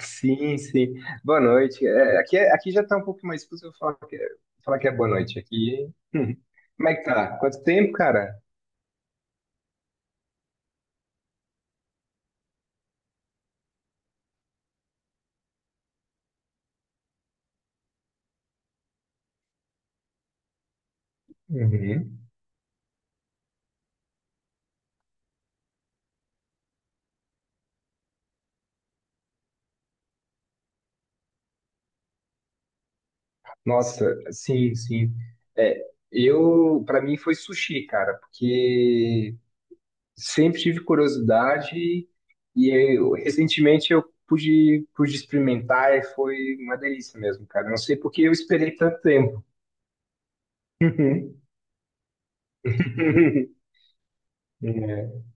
Sim, sim. Boa noite. Aqui já tá um pouco mais difícil eu falar falar que é boa noite aqui. Hum. Como é que tá? Quanto tempo, cara? Uhum. Nossa, sim, sim. É, Para mim foi sushi, cara, porque sempre tive curiosidade recentemente eu pude experimentar e foi uma delícia mesmo, cara. Não sei por que eu esperei tanto tempo. Uhum. É.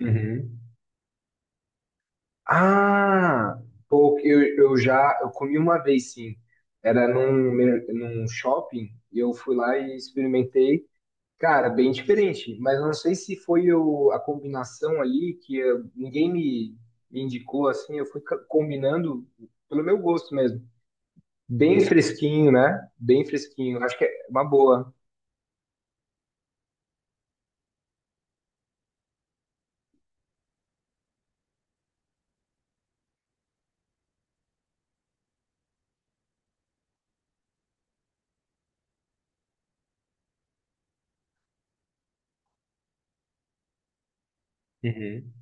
Uhum. Ah, pô, eu já eu comi uma vez sim. Era num shopping e eu fui lá e experimentei. Cara, bem diferente, mas eu não sei se foi a combinação ali que me indicou assim. Eu fui combinando pelo meu gosto mesmo. Bem fresquinho, né? Bem fresquinho. Acho que é uma boa. Uhum.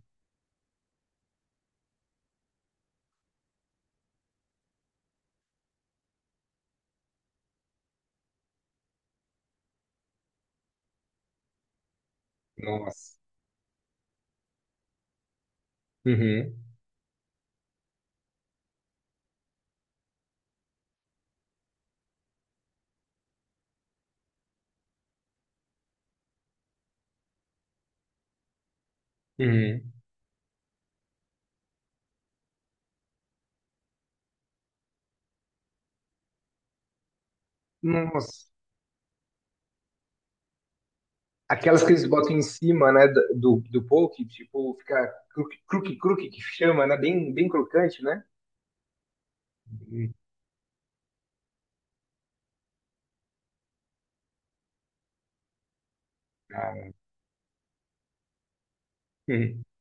Nossa. Uhum. Uhum. Nossa. Aquelas que eles botam em cima, né, do poke, tipo, fica cruque, cruque, cruque, que chama, né, bem crocante, né? Hum, cara. Hum.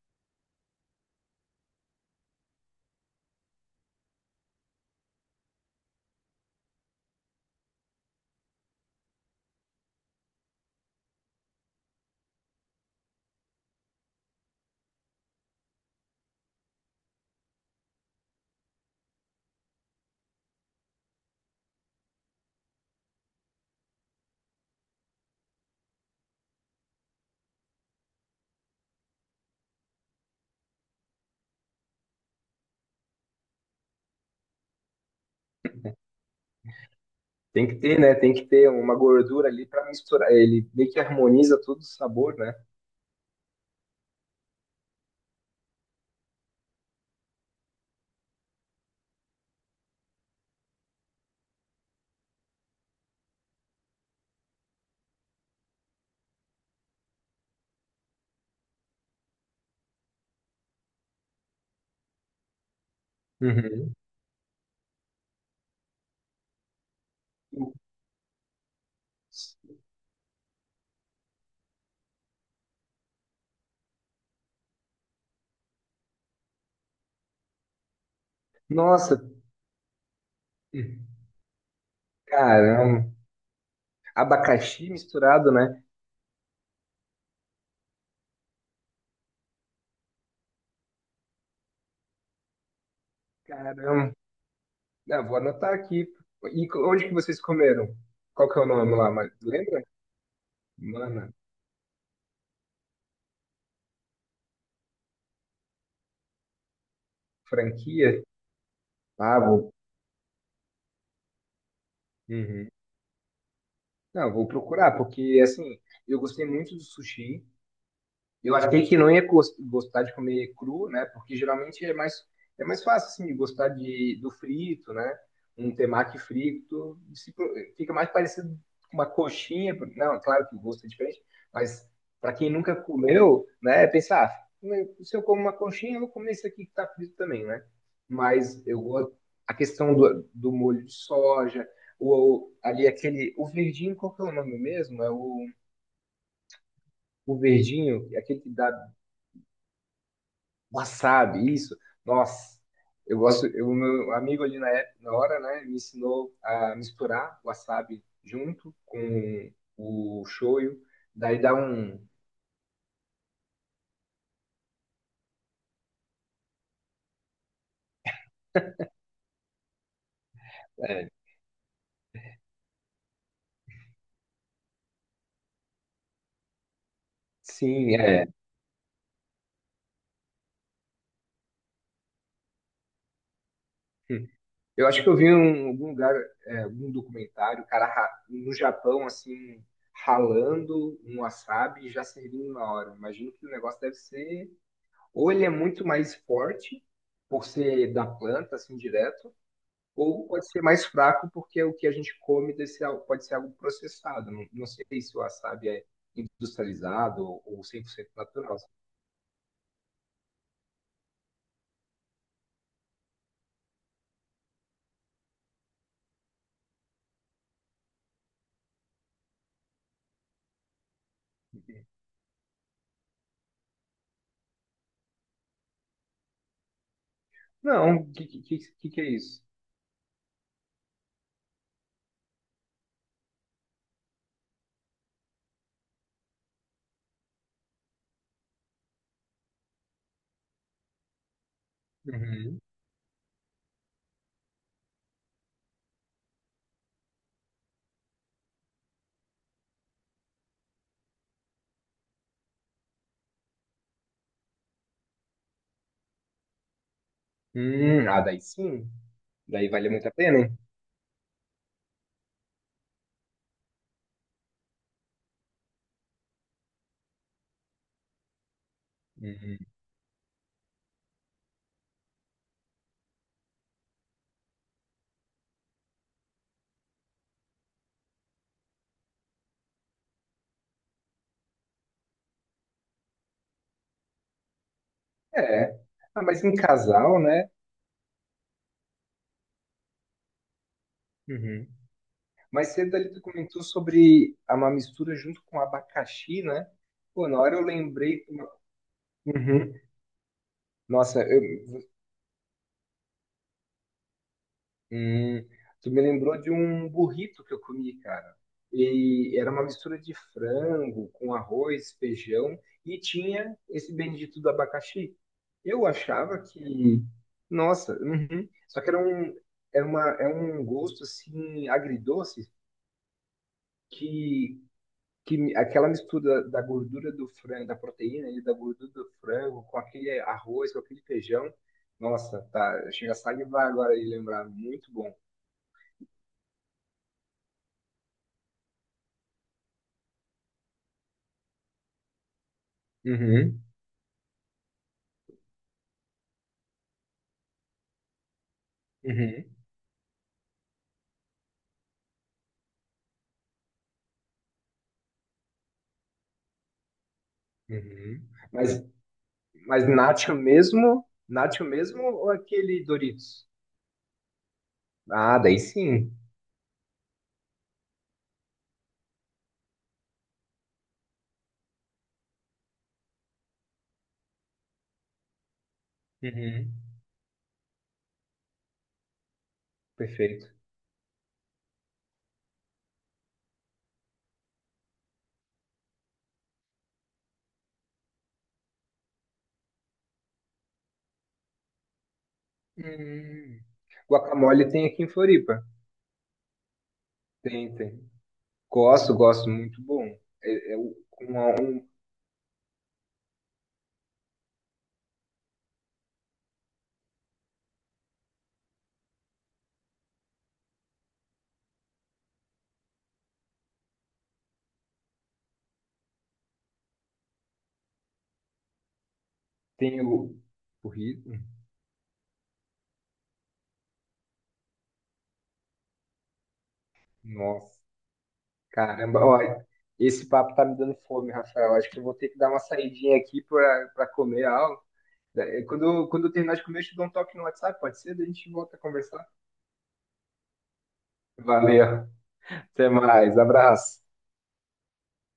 Tem que ter, né, tem que ter uma gordura ali pra misturar, ele meio que harmoniza todo o sabor, né? Uhum. Nossa, caramba, abacaxi misturado, né? Caramba, ah, vou anotar aqui. E onde que vocês comeram? Qual que é o nome lá, mas lembra? Mana, franquia? Ah, vou. Não, eu vou procurar, porque assim, eu gostei muito do sushi. Eu achei que não ia gostar de comer cru, né? Porque geralmente é mais fácil, assim, de gostar do frito, né? Um temaki frito. Se pro- Fica mais parecido com uma coxinha. Não, claro que o gosto é diferente, mas para quem nunca comeu, né? Pensar, ah, né, se eu como uma coxinha, eu vou comer isso aqui que tá frito também, né? Mas eu gosto. A questão do molho de soja, o, ali aquele. O verdinho, qual que é o nome mesmo? O verdinho, aquele que dá wasabi, isso. Nossa, eu gosto. O meu amigo ali época, na hora, né, me ensinou a misturar wasabi junto com o shoyu. Daí dá um. É, sim, é. Eu acho que eu vi em algum lugar, é, algum documentário, o cara no Japão, assim, ralando um wasabi e já servindo na hora. Imagino que o negócio deve ser. Ou ele é muito mais forte, por ser da planta, assim, direto. Ou pode ser mais fraco, porque o que a gente come desse, pode ser algo processado. Não, não sei se o wasabi é industrializado ou 100% natural, sabe? Não, o que é isso? Uhum. Ah, daí sim. Daí vale muito a pena, hein? Uhum. É. Ah, mas em casal, né? Uhum. Mais cedo ali tu comentou sobre uma mistura junto com abacaxi, né? Pô, na hora eu lembrei. Uhum. Nossa, eu, hum, tu me lembrou de um burrito que eu comi, cara. E era uma mistura de frango com arroz, feijão e tinha esse bendito do abacaxi. Eu achava que, nossa, uhum. Só que era um, era uma, é um gosto assim agridoce que, que aquela mistura da gordura do frango, da proteína e da gordura do frango com aquele arroz, com aquele feijão, nossa, tá, chega a salivar agora de lembrar, muito bom. Uhum. Uhum, uhum. Mas nacho mesmo? Nacho mesmo ou aquele Doritos? Ah, daí sim. Uhum, perfeito. Hum. Guacamole tem aqui em Floripa. Tem, tem. Gosto, gosto, muito bom. É, é o- com a- um- tem o burrito. Nossa, caramba. Olha, esse papo tá me dando fome, Rafael. Acho que eu vou ter que dar uma saidinha aqui para comer algo. É, quando eu terminar de comer, eu te dou um toque no WhatsApp, pode ser? Daí a gente volta a conversar. Valeu. Até mais. Abraço.